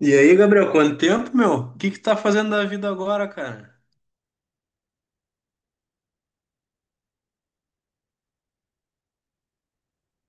E aí, Gabriel, quanto tempo, meu? O que que tá fazendo da vida agora, cara?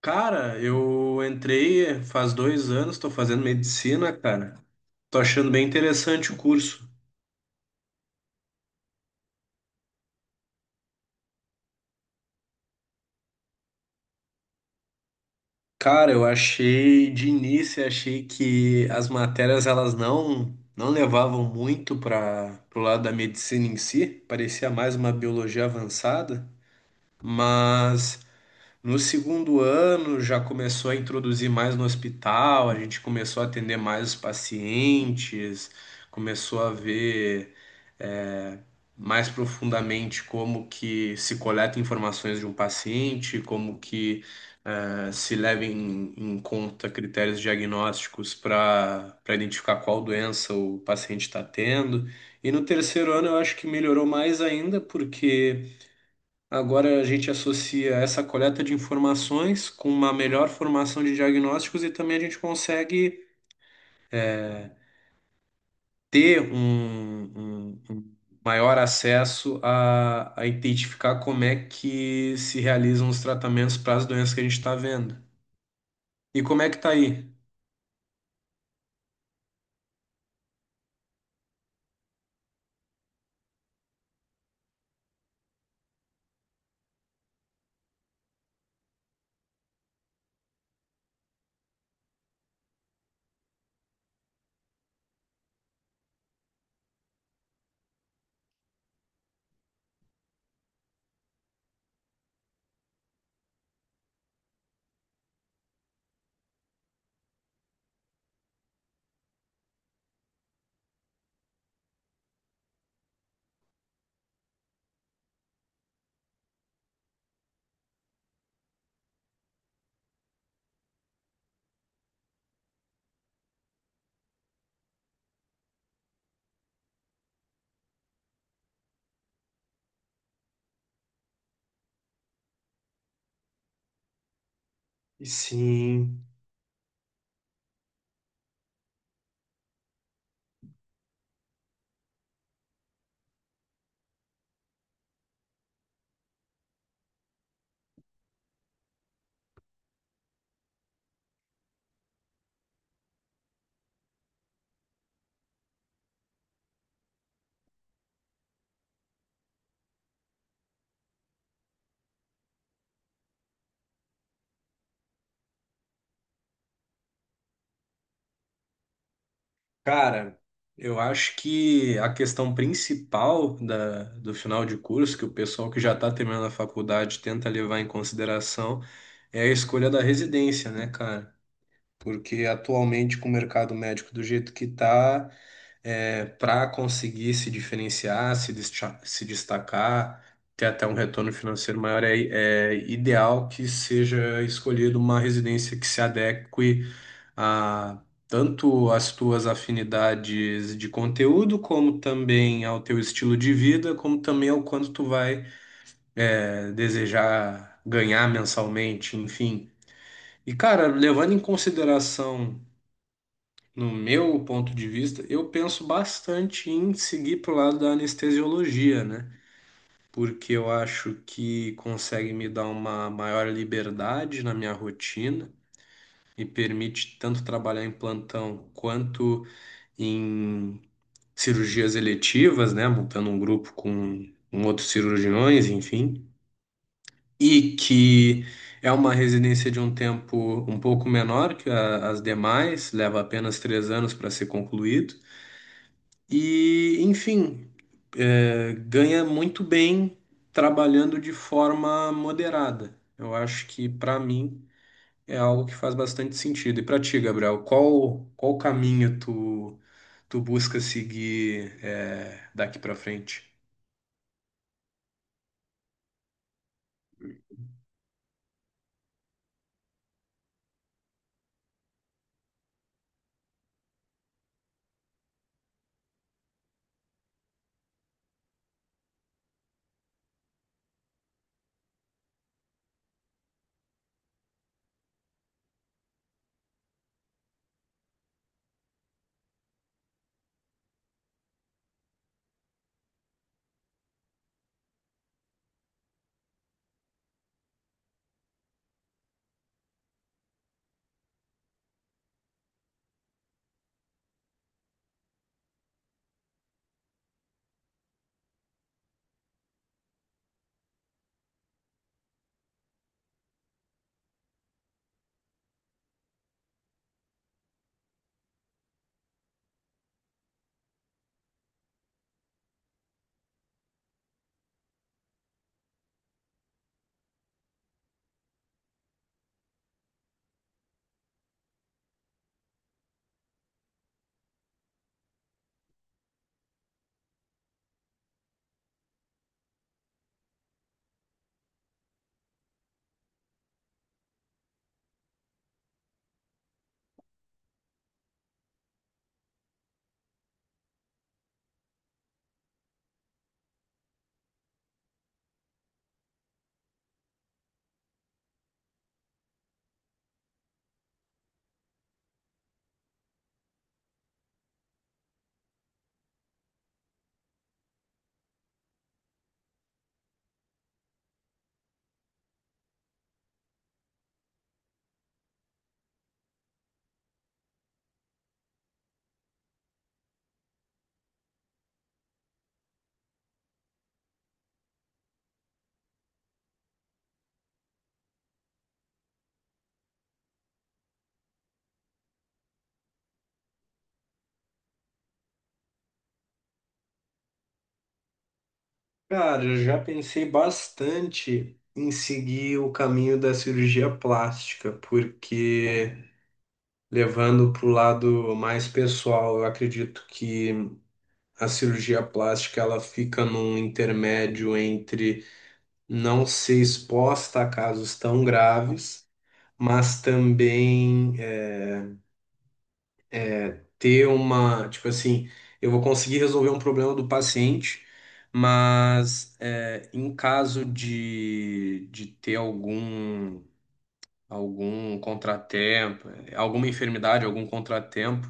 Cara, eu entrei faz 2 anos, tô fazendo medicina, cara. Tô achando bem interessante o curso. Cara, eu achei, de início, achei que as matérias, elas não levavam muito para pro lado da medicina em si. Parecia mais uma biologia avançada. Mas no segundo ano já começou a introduzir mais no hospital, a gente começou a atender mais os pacientes, começou a ver é, mais profundamente como que se coleta informações de um paciente, como que se leva em conta critérios diagnósticos para identificar qual doença o paciente está tendo. E no terceiro ano eu acho que melhorou mais ainda, porque agora a gente associa essa coleta de informações com uma melhor formação de diagnósticos e também a gente consegue ter um maior acesso a identificar como é que se realizam os tratamentos para as doenças que a gente está vendo. E como é que tá aí? Sim. Cara, eu acho que a questão principal do final de curso, que o pessoal que já está terminando a faculdade tenta levar em consideração, é a escolha da residência, né, cara? Porque atualmente com o mercado médico do jeito que está, para conseguir se diferenciar, se destacar, ter até um retorno financeiro maior, é ideal que seja escolhida uma residência que se adeque a tanto às tuas afinidades de conteúdo, como também ao teu estilo de vida, como também ao quanto tu vai, desejar ganhar mensalmente, enfim. E, cara, levando em consideração no meu ponto de vista, eu penso bastante em seguir pro lado da anestesiologia, né? Porque eu acho que consegue me dar uma maior liberdade na minha rotina e permite tanto trabalhar em plantão quanto em cirurgias eletivas, né? Montando um grupo com outros cirurgiões, enfim. E que é uma residência de um tempo um pouco menor que as demais, leva apenas 3 anos para ser concluído. E, enfim, ganha muito bem trabalhando de forma moderada. Eu acho que, para mim, é algo que faz bastante sentido. E para ti, Gabriel, qual caminho tu busca seguir, daqui para frente? Cara, eu já pensei bastante em seguir o caminho da cirurgia plástica, porque levando para o lado mais pessoal, eu acredito que a cirurgia plástica ela fica num intermédio entre não ser exposta a casos tão graves, mas também ter uma, tipo assim, eu vou conseguir resolver um problema do paciente, mas em caso de ter algum contratempo, alguma enfermidade, algum contratempo,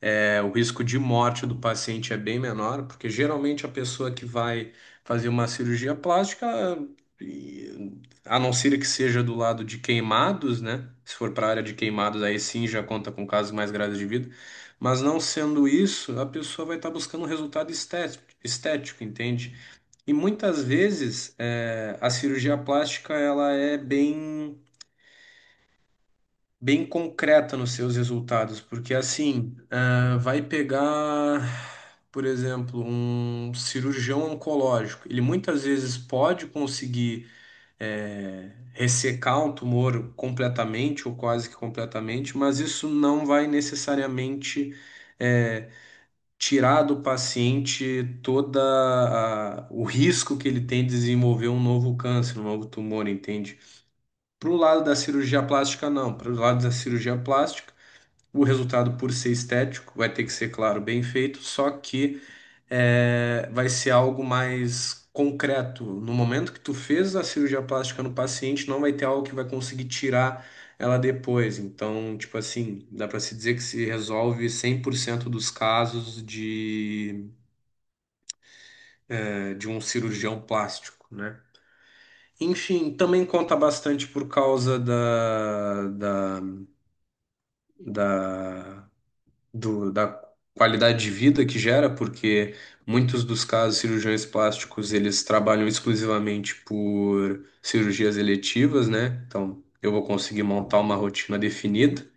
o risco de morte do paciente é bem menor, porque geralmente a pessoa que vai fazer uma cirurgia plástica, a não ser que seja do lado de queimados, né? Se for para a área de queimados, aí sim já conta com casos mais graves de vida. Mas não sendo isso, a pessoa vai estar buscando um resultado estético, estético, entende? E muitas vezes a cirurgia plástica ela é bem bem concreta nos seus resultados, porque assim, ah, vai pegar, por exemplo, um cirurgião oncológico, ele muitas vezes pode conseguir ressecar um tumor completamente ou quase que completamente, mas isso não vai necessariamente eh, tirar do paciente o risco que ele tem de desenvolver um novo câncer, um novo tumor, entende? Para o lado da cirurgia plástica, não. Para o lado da cirurgia plástica o resultado, por ser estético, vai ter que ser, claro, bem feito, só que vai ser algo mais concreto. No momento que tu fez a cirurgia plástica no paciente, não vai ter algo que vai conseguir tirar ela depois. Então, tipo assim, dá para se dizer que se resolve 100% dos casos de um cirurgião plástico, né? Enfim, também conta bastante por causa da da qualidade de vida que gera, porque muitos dos casos, cirurgiões plásticos, eles trabalham exclusivamente por cirurgias eletivas, né? Então, eu vou conseguir montar uma rotina definida,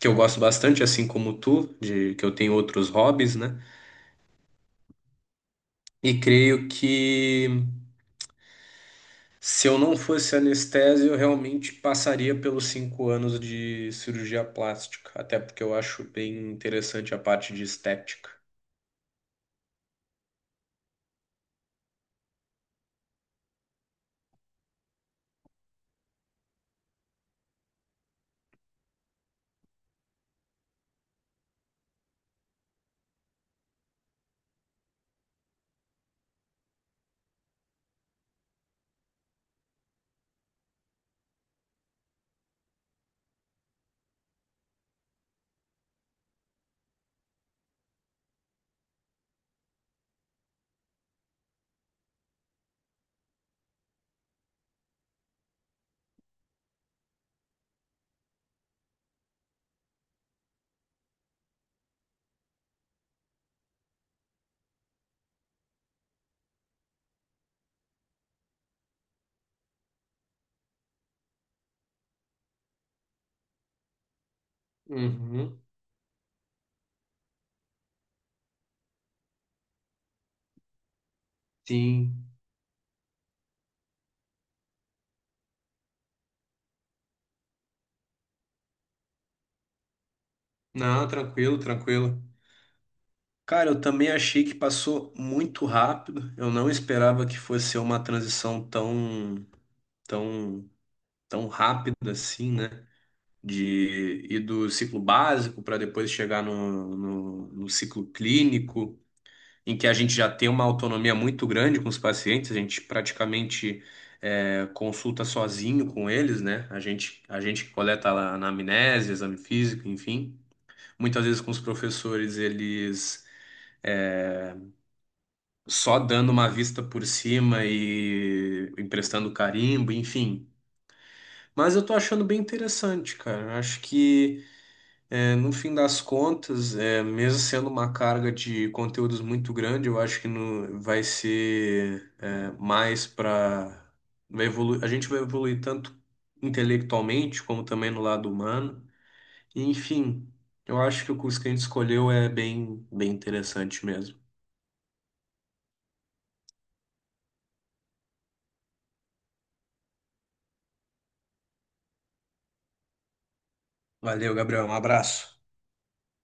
que eu gosto bastante, assim como tu, de que eu tenho outros hobbies, né? E creio que se eu não fosse anestésio, eu realmente passaria pelos 5 anos de cirurgia plástica, até porque eu acho bem interessante a parte de estética. Uhum, sim. Não, tranquilo, tranquilo. Cara, eu também achei que passou muito rápido. Eu não esperava que fosse ser uma transição tão, tão, tão rápida assim, né? De ir do ciclo básico para depois chegar no ciclo clínico, em que a gente já tem uma autonomia muito grande com os pacientes, a gente praticamente consulta sozinho com eles, né? A gente coleta lá anamnese, exame físico, enfim. Muitas vezes com os professores, eles só dando uma vista por cima e emprestando carimbo, enfim. Mas eu tô achando bem interessante, cara. Acho que, no fim das contas, mesmo sendo uma carga de conteúdos muito grande, eu acho que no, vai ser, é, mais para vai evolu- a gente vai evoluir tanto intelectualmente como também no lado humano. Enfim, eu acho que o curso que a gente escolheu é bem, bem interessante mesmo. Valeu, Gabriel. Um abraço.